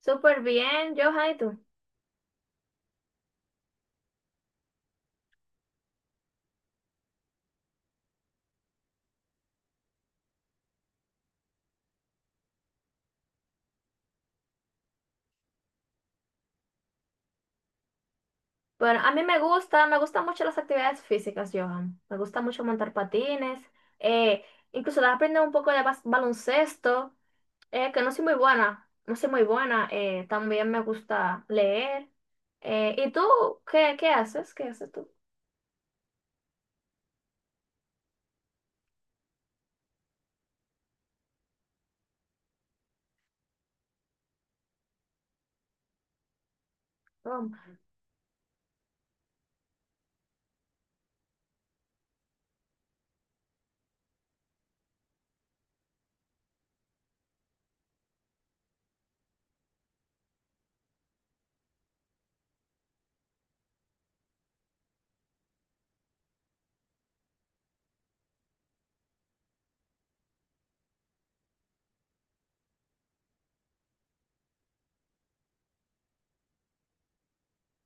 Súper bien, Johan, ¿y tú? Bueno, a mí me gustan mucho las actividades físicas, Johan. Me gusta mucho montar patines, eh, incluso de aprender un poco de baloncesto, que no soy muy buena, no soy muy buena. También me gusta leer. ¿Y tú qué haces? ¿Qué haces tú?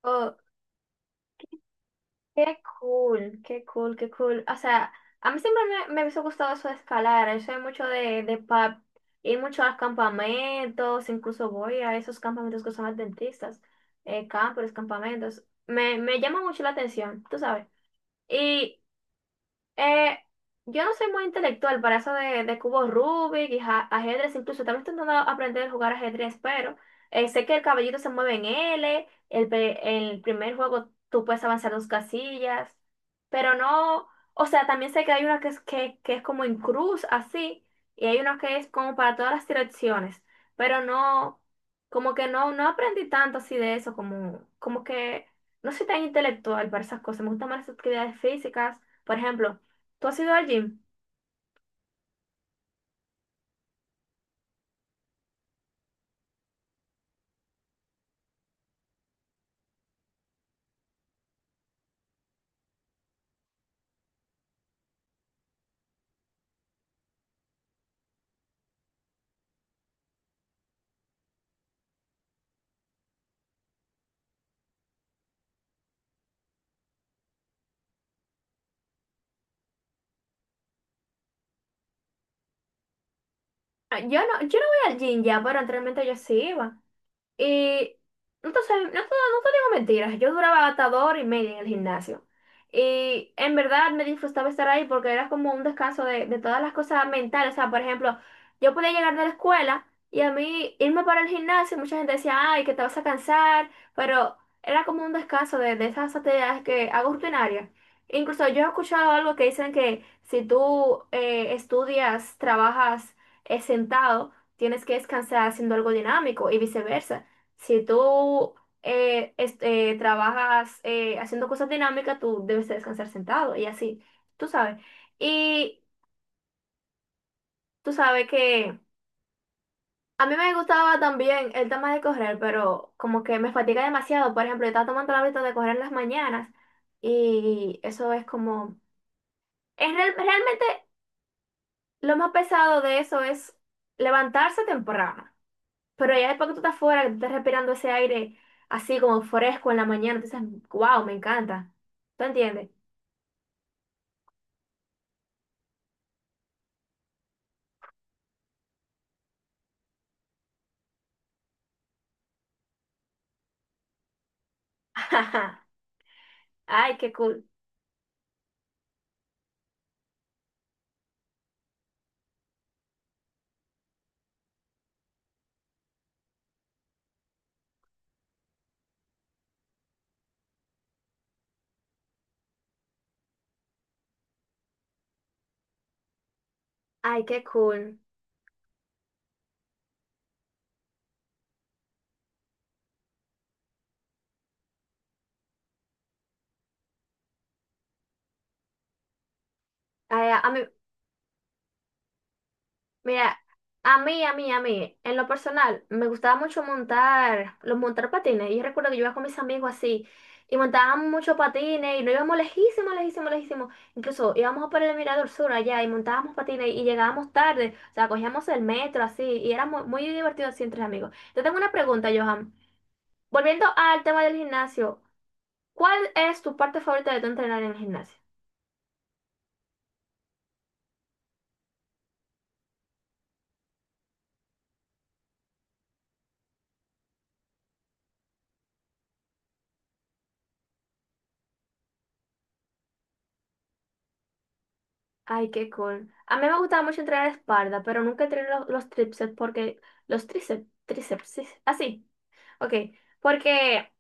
Um, Qué cool, qué cool, qué cool. O sea, a mí siempre me hubiese gustado eso de escalar. Yo soy mucho de, pub, ir mucho a los campamentos, incluso voy a esos campamentos que son adventistas, campers, campamentos. Me llama mucho la atención, tú sabes. Y eh, yo no soy muy intelectual para eso de, cubos Rubik y ajedrez, incluso también estoy intentando aprender a jugar ajedrez, pero sé que el caballito se mueve en L, el primer juego tú puedes avanzar dos casillas, pero no, o sea, también sé que hay una que que es como en cruz, así, y hay una que es como para todas las direcciones, pero no, como que no aprendí tanto así de eso, como que no soy tan intelectual para esas cosas, me gustan más las actividades físicas, por ejemplo. ¿Tú has ido al gym? Ah, yo no, yo no voy al gym ya, pero anteriormente yo sí iba. Y no te, sé- no te, no te digo mentiras, yo duraba hasta 2 horas y media en el gimnasio. Y en verdad me disfrutaba estar ahí porque era como un descanso de, todas las cosas mentales. O sea, por ejemplo, yo podía llegar de la escuela y a mí irme para el gimnasio, mucha gente decía, ay, que te vas a cansar, pero era como un descanso de, esas actividades que hago rutinarias. Incluso yo he escuchado algo que dicen que si tú estudias, trabajas sentado, tienes que descansar haciendo algo dinámico y viceversa. Si tú este, trabajas haciendo cosas dinámicas, tú debes de descansar sentado y así, tú sabes. Y tú sabes que a mí me gustaba también el tema de correr, pero como que me fatiga demasiado. Por ejemplo, yo estaba tomando el hábito de correr en las mañanas y eso es como... Es realmente lo más pesado de eso es levantarse temprano. Pero ya después que tú estás fuera, que tú estás respirando ese aire así como fresco en la mañana, tú dices, wow, me encanta. ¿Tú entiendes? Ay, qué cool. Ay, qué cool. Ay, a mí, mira, a mí, en lo personal, me gustaba mucho montar patines. Y yo recuerdo que yo iba con mis amigos así, y montábamos mucho patines, y nos íbamos lejísimos, lejísimos, lejísimos. Incluso íbamos por el Mirador Sur allá, y montábamos patines, y llegábamos tarde, o sea, cogíamos el metro así, y era muy, muy divertido así entre amigos. Yo tengo una pregunta, Johan. Volviendo al tema del gimnasio, ¿cuál es tu parte favorita de tu entrenar en el gimnasio? Ay, qué cool. A mí me gustaba mucho entrenar espalda, pero nunca entrené los tríceps porque... Los tríceps, tríceps, sí, sí, así, ok. Porque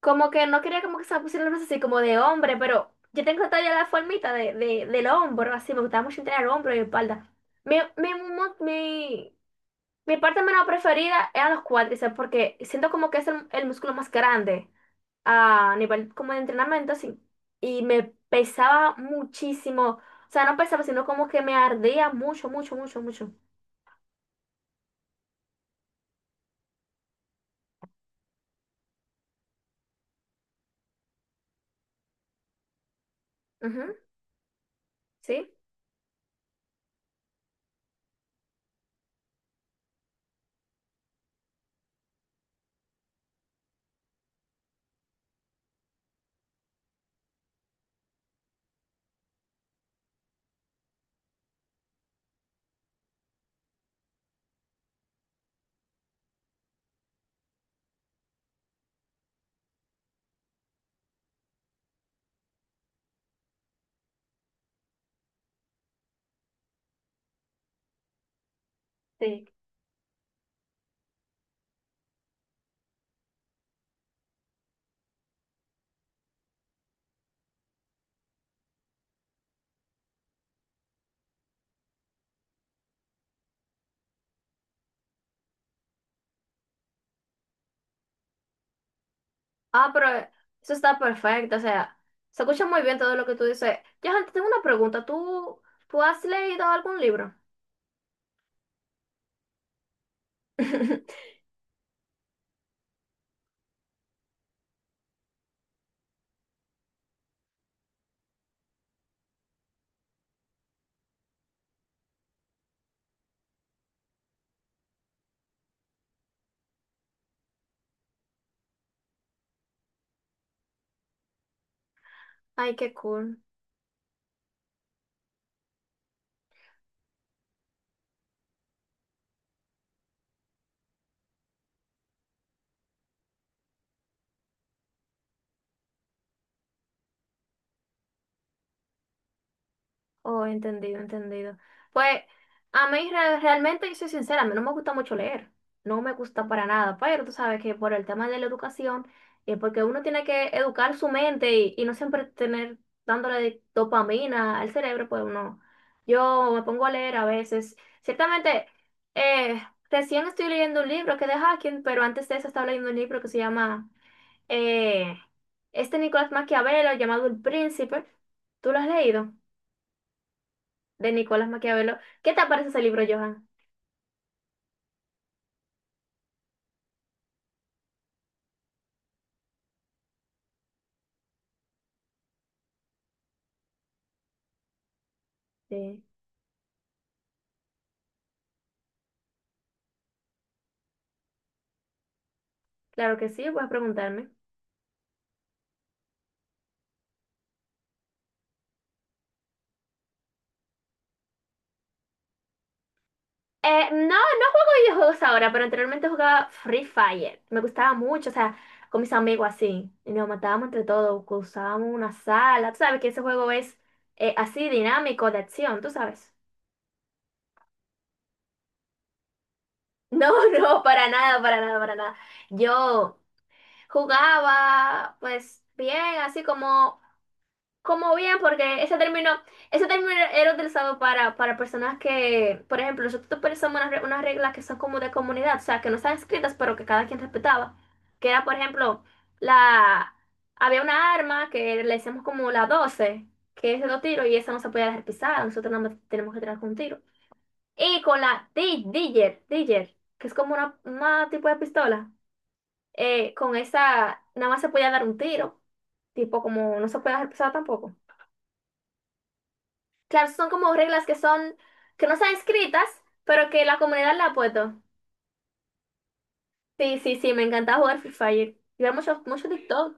como que no quería como que se me pusieran los brazos así como de hombre, pero yo tengo todavía la formita de, del hombro, así. Me gustaba mucho entrenar el hombro y espalda. Mi, mi, mu- mi, mi parte menos preferida eran los cuádriceps porque siento como que es el músculo más grande a nivel como de entrenamiento así y me pesaba muchísimo, o sea, no pesaba, sino como que me ardía mucho, mucho, mucho, mucho. Ujú. ¿Sí? Sí. Ah, pero eso está perfecto, o sea, se escucha muy bien todo lo que tú dices. Yo tengo una pregunta, ¿tú has leído algún libro? Ay, qué cool. Oh, entendido, entendido. Pues a mí realmente, yo soy sincera, a mí no me gusta mucho leer, no me gusta para nada, pero tú sabes que por el tema de la educación, porque uno tiene que educar su mente y no siempre tener dándole dopamina al cerebro, pues uno, yo me pongo a leer a veces. Ciertamente, eh, recién estoy leyendo un libro que es de Hacking, pero antes de eso estaba leyendo un libro que se llama, eh, este, Nicolás Maquiavelo, llamado El Príncipe. ¿Tú lo has leído? De Nicolás Maquiavelo. ¿Qué te parece ese libro, Johan? Sí, claro que sí, puedes preguntarme. No, no juego videojuegos ahora, pero anteriormente jugaba Free Fire. Me gustaba mucho, o sea, con mis amigos así. Y nos matábamos entre todos, usábamos una sala. Tú sabes que ese juego es así dinámico, de acción, tú sabes. No, no, para nada, para nada, para nada. Yo jugaba, pues, bien, así como bien, porque ese término era utilizado para, personas que, por ejemplo, nosotros utilizamos unas reglas que son como de comunidad, o sea, que no están escritas, pero que cada quien respetaba. Que era, por ejemplo, la había una arma que le decíamos como la doce, que es de dos tiros, y esa no se podía dejar pisada, nosotros nada más tenemos que tirar con un tiro. Y con la Digger, Digger, que es como una, tipo de pistola, con esa nada más se podía dar un tiro, tipo como no se puede dejar pisada tampoco. Claro, son como reglas que son, que no están escritas, pero que la comunidad la ha puesto. Sí, sí, sí, me encantaba jugar Free Fire. Y ver mucho, mucho TikTok.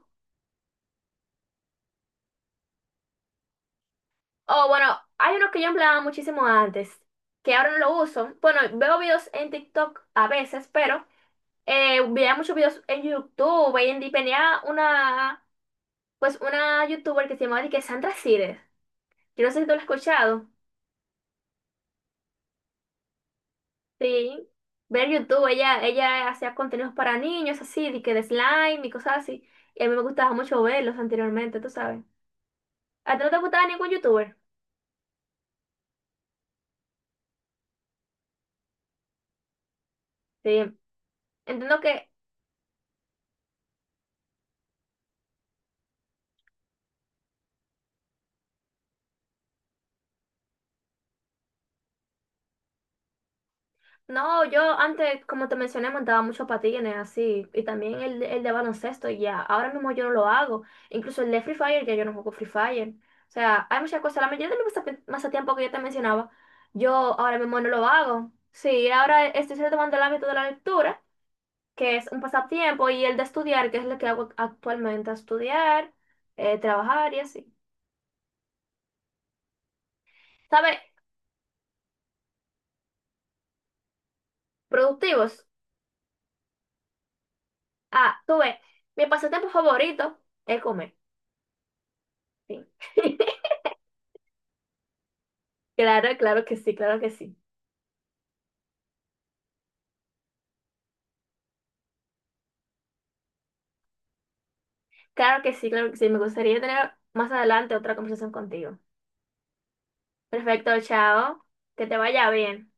Oh, bueno, hay uno que yo empleaba muchísimo antes, que ahora no lo uso. Bueno, veo videos en TikTok a veces, pero veía muchos videos en YouTube. Y tenía una YouTuber que se llamaba de que Sandra Cider. Yo no sé si tú lo has escuchado. Sí, ver YouTube, ella hacía contenidos para niños así, de que de slime y cosas así. Y a mí me gustaba mucho verlos anteriormente, tú sabes. ¿A ti no te gustaba ningún youtuber? Sí. Entiendo que, no, yo antes, como te mencioné, montaba muchos patines así. Y también el de baloncesto, y ya. Ahora mismo yo no lo hago. Incluso el de Free Fire, ya yo no juego Free Fire. O sea, hay muchas cosas. La mayoría de mis pasatiempos que yo te mencionaba, yo ahora mismo no lo hago. Sí, ahora estoy retomando el hábito de la lectura, que es un pasatiempo, y el de estudiar, que es lo que hago actualmente, estudiar, trabajar y así. ¿Sabes? Productivos. Ah, tú ves, mi pasatiempo favorito es comer. Sí. Claro, claro que sí, claro que sí. Claro que sí, claro que sí. Me gustaría tener más adelante otra conversación contigo. Perfecto, chao. Que te vaya bien.